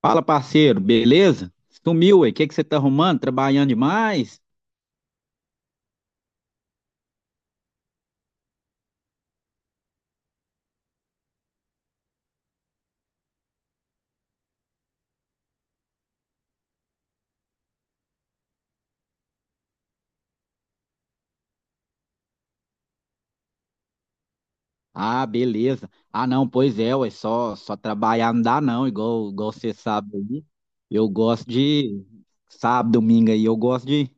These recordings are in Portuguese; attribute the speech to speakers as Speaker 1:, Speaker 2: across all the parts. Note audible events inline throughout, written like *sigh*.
Speaker 1: Fala, parceiro, beleza? Sumiu, ué. O que que você tá arrumando? Trabalhando demais? Ah, beleza. Ah, não, pois é, ué. Só trabalhar não dá, não. Igual você sabe aí. Eu gosto de. Sábado, domingo aí, eu gosto de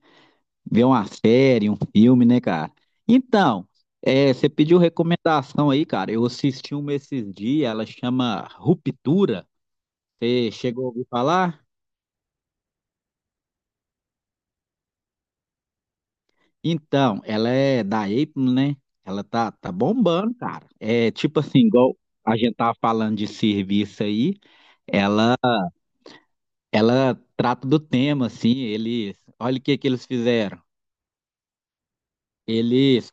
Speaker 1: ver uma série, um filme, né, cara? Então, você pediu recomendação aí, cara. Eu assisti uma esses dias, ela chama Ruptura. Você chegou a ouvir falar? Então, ela é da Apple, né? Ela tá bombando, cara. É tipo assim, igual a gente tava falando de serviço aí, ela, ela trata do tema, assim, eles, olha o que que eles fizeram. Eles,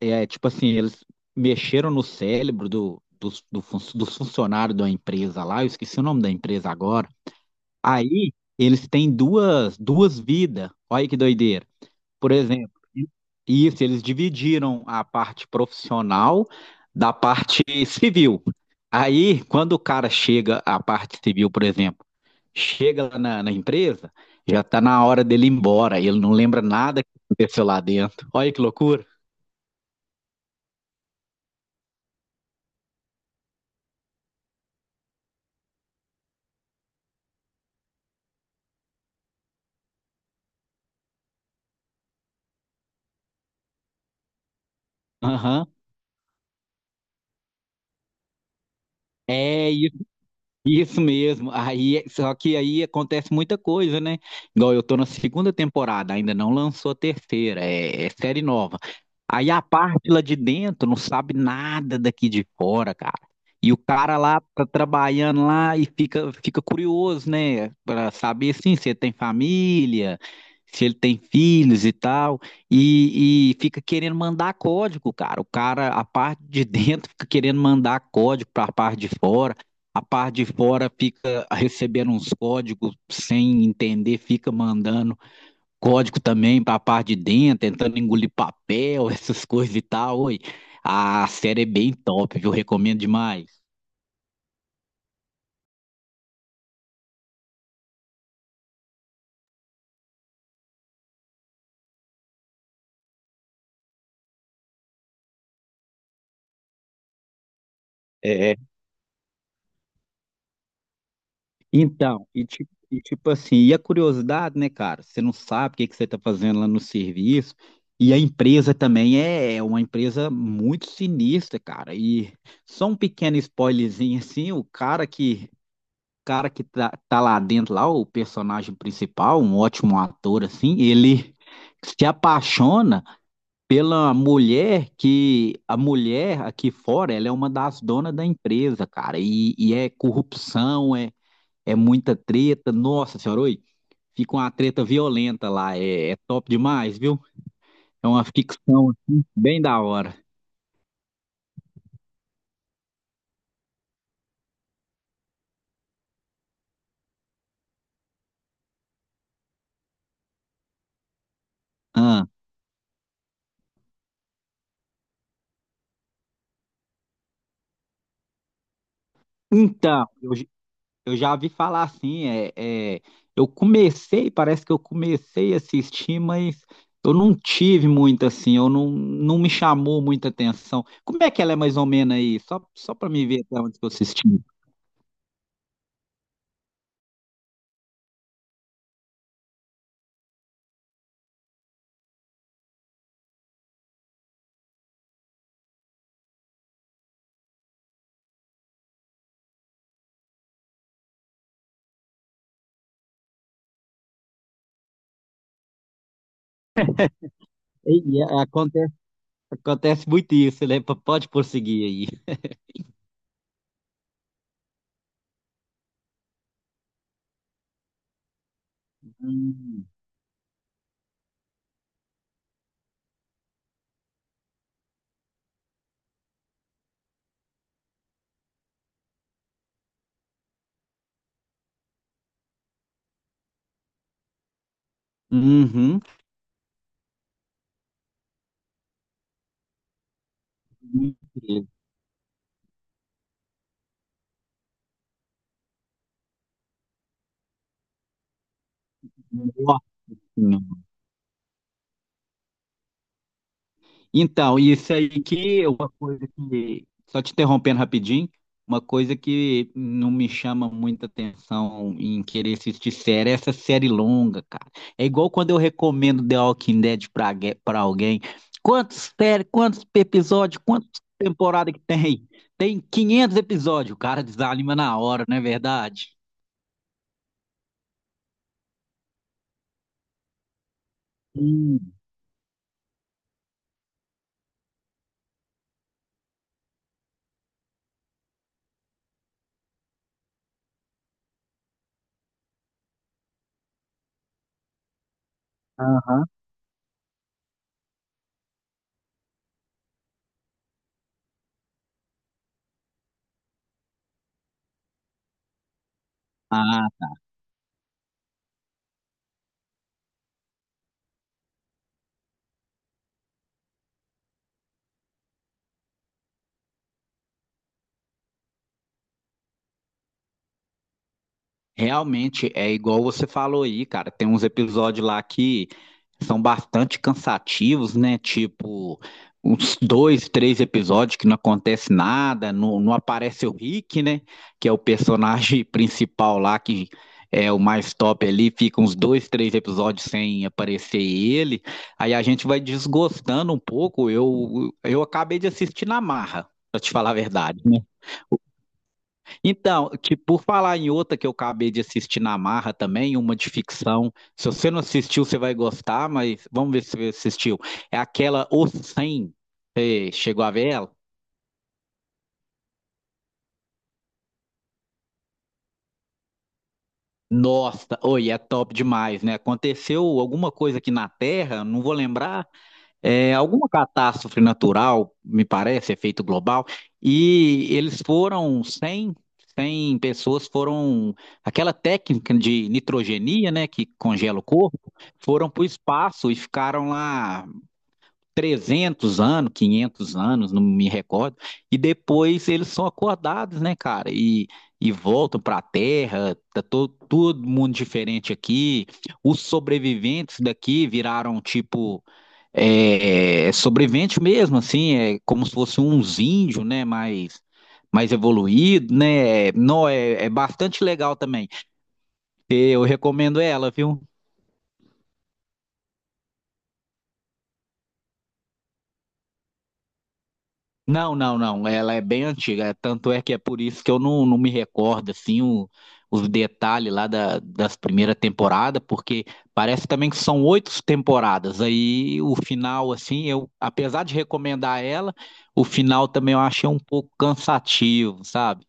Speaker 1: é tipo assim, eles mexeram no cérebro do, dos, do fun- dos funcionários da empresa lá, eu esqueci o nome da empresa agora. Aí, eles têm duas vidas, olha que doideira. Por exemplo, isso, eles dividiram a parte profissional da parte civil. Aí, quando o cara chega à parte civil, por exemplo, chega lá na empresa, já está na hora dele ir embora, ele não lembra nada que aconteceu lá dentro. Olha que loucura. Aham. É, isso mesmo. Aí, só que aí acontece muita coisa, né? Igual eu tô na segunda temporada, ainda não lançou a terceira, é série nova. Aí a parte lá de dentro não sabe nada daqui de fora, cara. E o cara lá tá trabalhando lá e fica curioso, né? Pra saber assim, se ele tem família, se ele tem filhos e tal. E fica querendo mandar código, cara. O cara, a parte de dentro *laughs* fica querendo mandar código pra parte de fora. A parte de fora fica recebendo uns códigos sem entender, fica mandando código também para a parte de dentro, tentando engolir papel, *laughs* essas coisas e tal. Oi, a série é bem top, viu? Recomendo demais. É, então, e tipo assim, e a curiosidade, né, cara? Você não sabe o que que você está fazendo lá no serviço. E a empresa também é é uma empresa muito sinistra, cara. E só um pequeno spoilerzinho assim, o cara que tá lá dentro, lá, o personagem principal, um ótimo ator, assim, ele se apaixona pela mulher que a mulher aqui fora, ela é uma das donas da empresa, cara, e é corrupção, é muita treta, nossa senhora, oi, fica uma treta violenta lá, é top demais, viu? É uma ficção, assim, bem da hora. Ah, então, eu já vi falar assim, é, eu comecei, parece que eu comecei a assistir, mas eu não tive muito assim, eu não me chamou muita atenção. Como é que ela é mais ou menos aí? Só para me ver até onde que eu assisti. E acontece muito isso, né? Pode prosseguir aí. Hum. Uhum. Muito bem. Ótimo. Então, isso aí que é uma coisa que, só te interrompendo rapidinho, uma coisa que não me chama muita atenção em querer assistir série é essa série longa, cara. É igual quando eu recomendo The Walking Dead pra, pra alguém. Quantos séries, quantos episódios, quantas temporadas que tem? Tem 500 episódios, o cara desanima na hora, não é verdade? Sim, aham. Realmente é igual você falou aí, cara. Tem uns episódios lá que são bastante cansativos, né? Tipo, uns dois, três episódios que não acontece nada, não aparece o Rick, né? Que é o personagem *laughs* principal lá, que é o mais top ali, fica uns dois, três episódios sem aparecer ele. Aí a gente vai desgostando um pouco. Eu acabei de assistir na marra, pra te falar a verdade. Então, que por falar em outra que eu acabei de assistir na marra também, uma de ficção. Se você não assistiu, você vai gostar, mas vamos ver se você assistiu. É aquela O 100. Você chegou a ver ela? Nossa, oi, é top demais, né? Aconteceu alguma coisa aqui na Terra, não vou lembrar, é, alguma catástrofe natural, me parece, efeito global, e eles foram 100, 100 pessoas foram, aquela técnica de nitrogenia, né, que congela o corpo, foram para o espaço e ficaram lá 300 anos, 500 anos, não me recordo, e depois eles são acordados, né, cara? E voltam para a Terra, todo mundo diferente aqui. Os sobreviventes daqui viraram tipo é, sobrevivente mesmo, assim, é como se fossem uns índios, né? Mais evoluído, né? Não, é, é bastante legal também. Eu recomendo ela, viu? Não, não, não. Ela é bem antiga. É, tanto é que é por isso que eu não me recordo assim os detalhes lá das primeiras temporadas, porque parece também que são oito temporadas. Aí o final, assim, eu, apesar de recomendar ela, o final também eu achei um pouco cansativo, sabe?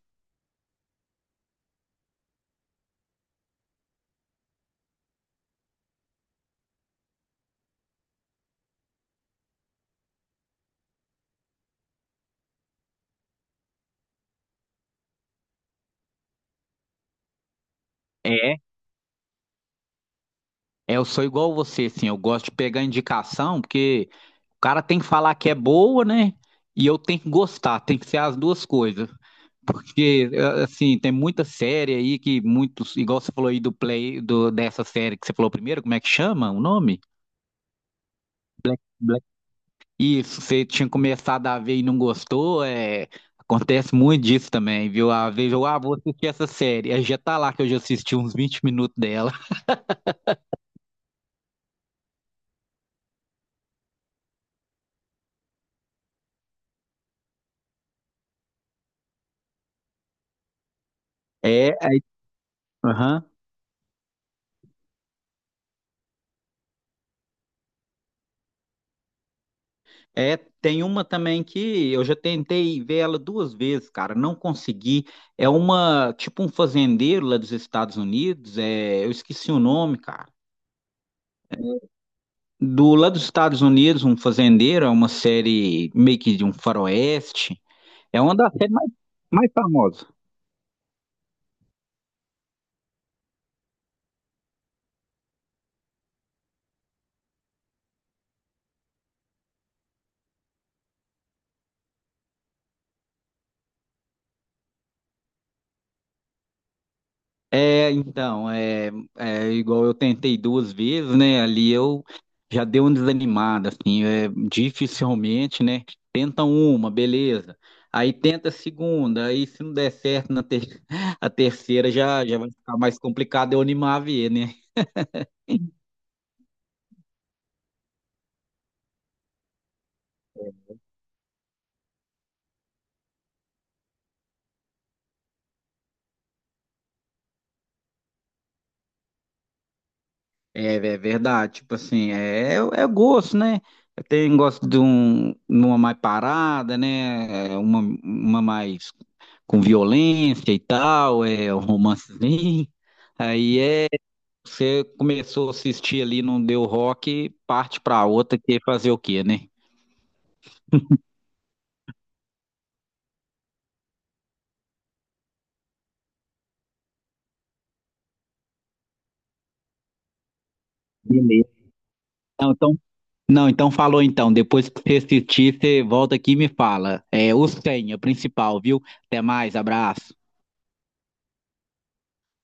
Speaker 1: É, eu sou igual você, assim, eu gosto de pegar indicação, porque o cara tem que falar que é boa, né? E eu tenho que gostar, tem que ser as duas coisas. Porque, eh, assim, tem muita série aí que muitos, igual você falou aí do play, dessa série que você falou primeiro, como é que chama o nome? Black- Isso, você tinha começado a ver e não gostou, é, acontece muito disso também, viu? Às vezes eu, ah, vou assistir essa série, aí já tá lá que eu já assisti uns 20 minutos dela. É, aí, aham. É, tem uma também que eu já tentei ver ela duas vezes, cara, não consegui. É uma, tipo um fazendeiro lá dos Estados Unidos, é, eu esqueci o nome, cara. Do lá dos Estados Unidos, um fazendeiro, é uma série meio que de um faroeste. É uma das séries mais famosas. É, então, é igual eu tentei duas vezes, né? Ali eu já dei uma desanimada, assim, é, dificilmente, né? Tenta uma, beleza. Aí tenta a segunda, aí se não der certo na *laughs* a terceira já, já vai ficar mais complicado eu animar a ver, né? É, é verdade, tipo assim, é gosto, né? Tem gosto de uma mais parada, né? É, uma mais com violência e tal, é um romancezinho. Aí é, você começou a assistir ali, não deu rock, parte pra outra, que é fazer o quê, né? Beleza. Não, então, falou então, depois que você assistir, você volta aqui e me fala. É, o senha, principal, viu? Até mais, abraço.